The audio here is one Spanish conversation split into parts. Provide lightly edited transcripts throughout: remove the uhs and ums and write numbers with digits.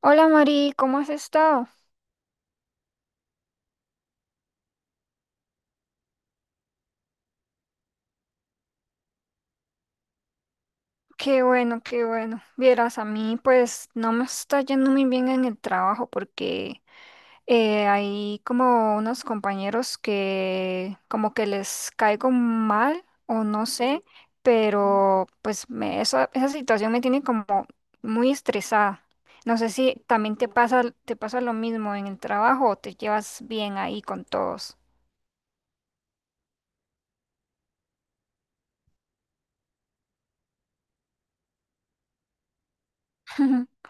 Hola Mari, ¿cómo has estado? Qué bueno, qué bueno. Vieras, a mí pues no me está yendo muy bien en el trabajo porque hay como unos compañeros que como que les caigo mal o no sé, pero pues esa situación me tiene como muy estresada. No sé si también te pasa lo mismo en el trabajo o te llevas bien ahí con todos.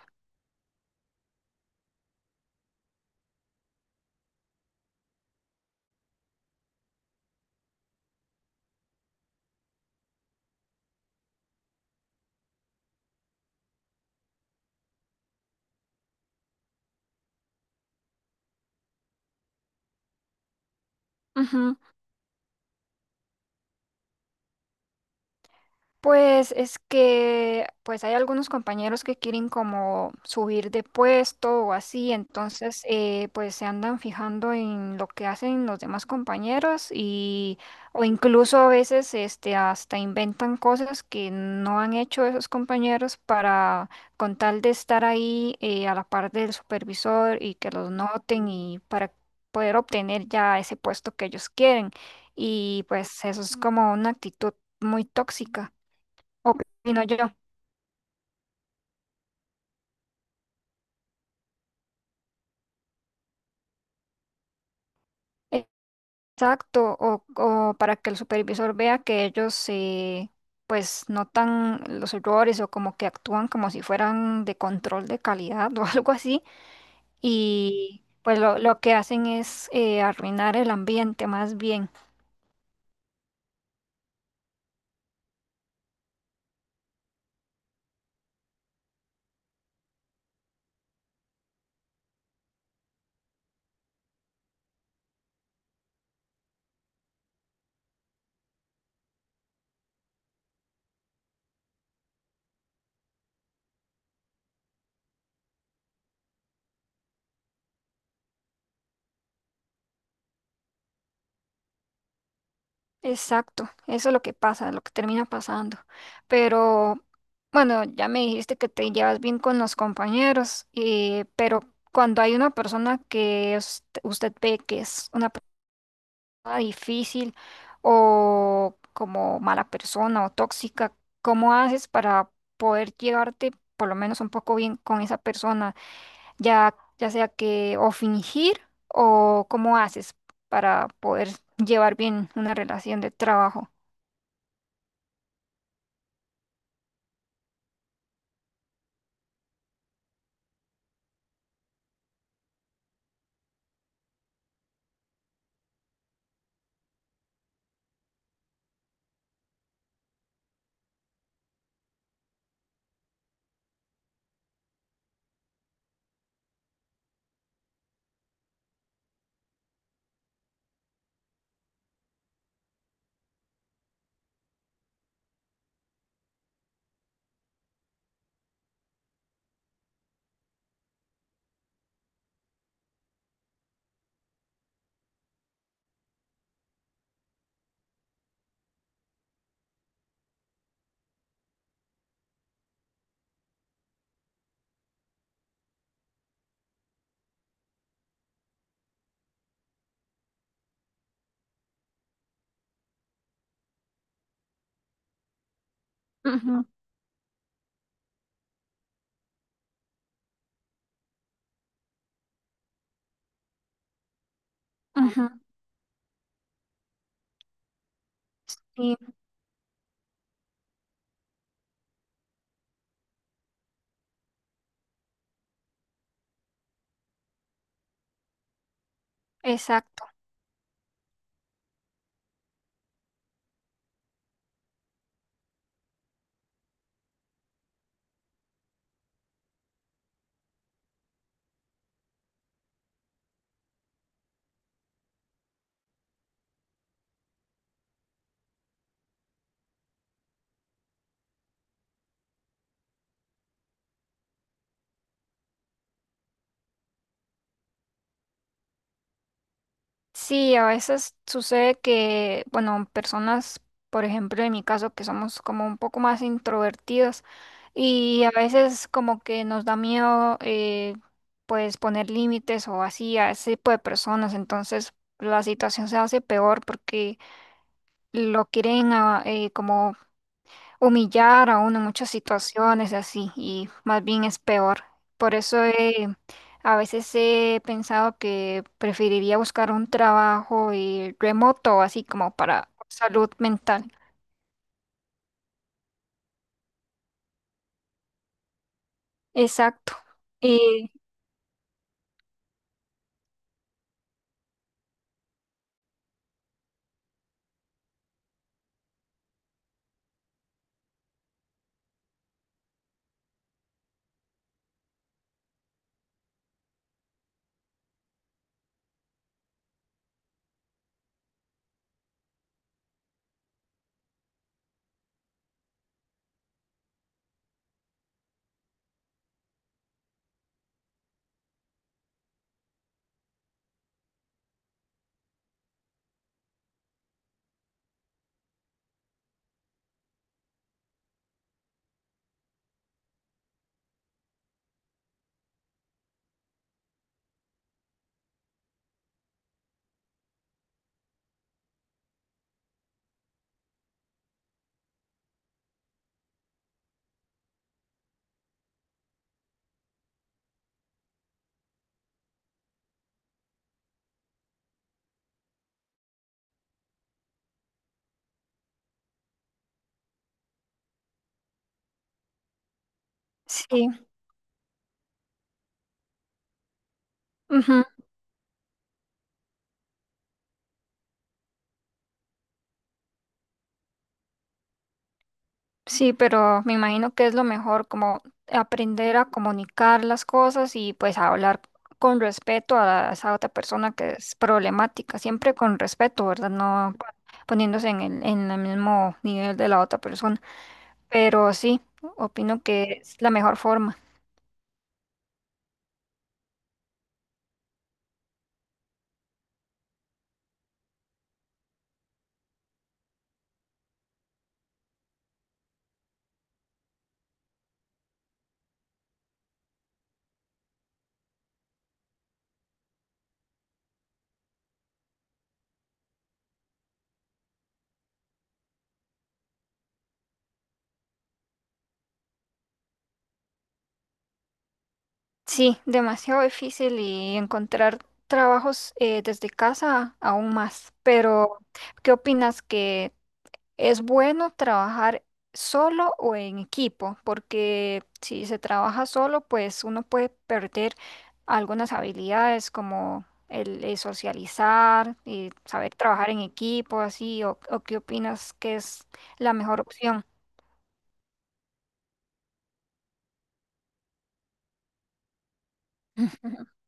Ujú. Pues es que pues hay algunos compañeros que quieren como subir de puesto o así, entonces pues se andan fijando en lo que hacen los demás compañeros y o incluso a veces este hasta inventan cosas que no han hecho esos compañeros para con tal de estar ahí a la par del supervisor y que los noten y para poder obtener ya ese puesto que ellos quieren y pues eso es como una actitud muy tóxica, opino yo. Exacto, o para que el supervisor vea que ellos pues notan los errores o como que actúan como si fueran de control de calidad o algo así y pues lo que hacen es arruinar el ambiente más bien. Exacto, eso es lo que pasa, lo que termina pasando. Pero bueno, ya me dijiste que te llevas bien con los compañeros, pero cuando hay una persona usted ve que es una difícil o como mala persona o tóxica, ¿cómo haces para poder llevarte por lo menos un poco bien con esa persona? Ya, ya sea que o fingir o cómo haces para poder llevar bien una relación de trabajo. Ujú, ujú, sí, exacto. Sí, a veces sucede que, bueno, personas, por ejemplo, en mi caso, que somos como un poco más introvertidas y a veces como que nos da miedo, pues, poner límites o así a ese tipo de personas, entonces la situación se hace peor porque lo quieren como humillar a uno en muchas situaciones así, y más bien es peor. Por eso a veces he pensado que preferiría buscar un trabajo remoto, así como para salud mental. Exacto. Y sí. Ujú. Sí, pero me imagino que es lo mejor, como aprender a comunicar las cosas y pues a hablar con respeto a esa otra persona que es problemática, siempre con respeto, ¿verdad? No poniéndose en en el mismo nivel de la otra persona. Pero sí, opino que es la mejor forma. Sí, demasiado difícil y encontrar trabajos desde casa aún más. Pero, ¿qué opinas que... Es bueno trabajar solo o en equipo? Porque si se trabaja solo, pues uno puede perder algunas habilidades como socializar y saber trabajar en equipo, así, o qué opinas que es la mejor opción.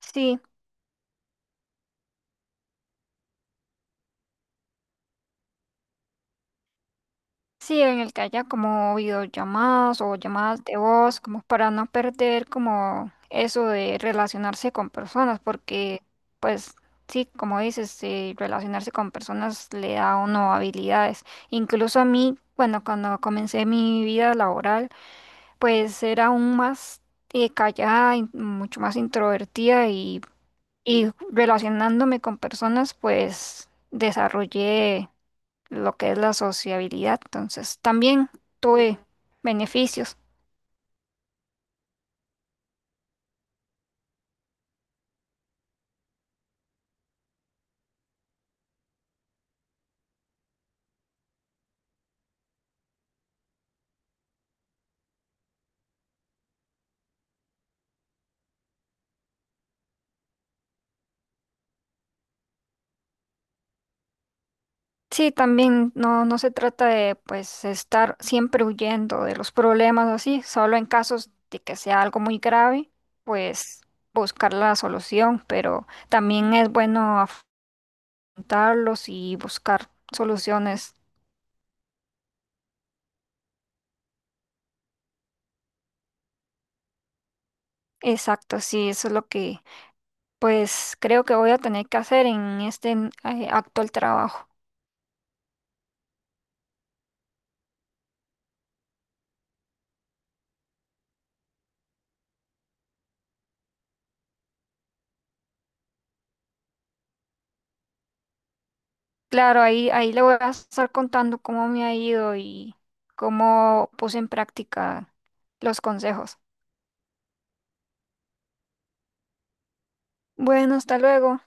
Sí. Sí, en el que haya como videollamadas o llamadas de voz, como para no perder como eso de relacionarse con personas, porque pues sí, como dices, relacionarse con personas le da a uno habilidades. Incluso a mí, bueno, cuando comencé mi vida laboral, pues era aún más callada, y mucho más introvertida y relacionándome con personas, pues desarrollé lo que es la sociabilidad. Entonces, también tuve beneficios. Sí, también no, no se trata de pues estar siempre huyendo de los problemas o así, solo en casos de que sea algo muy grave, pues buscar la solución, pero también es bueno afrontarlos y buscar soluciones exactas. Sí, eso es lo que pues creo que voy a tener que hacer en este actual trabajo. Claro, ahí, ahí le voy a estar contando cómo me ha ido y cómo puse en práctica los consejos. Bueno, hasta luego.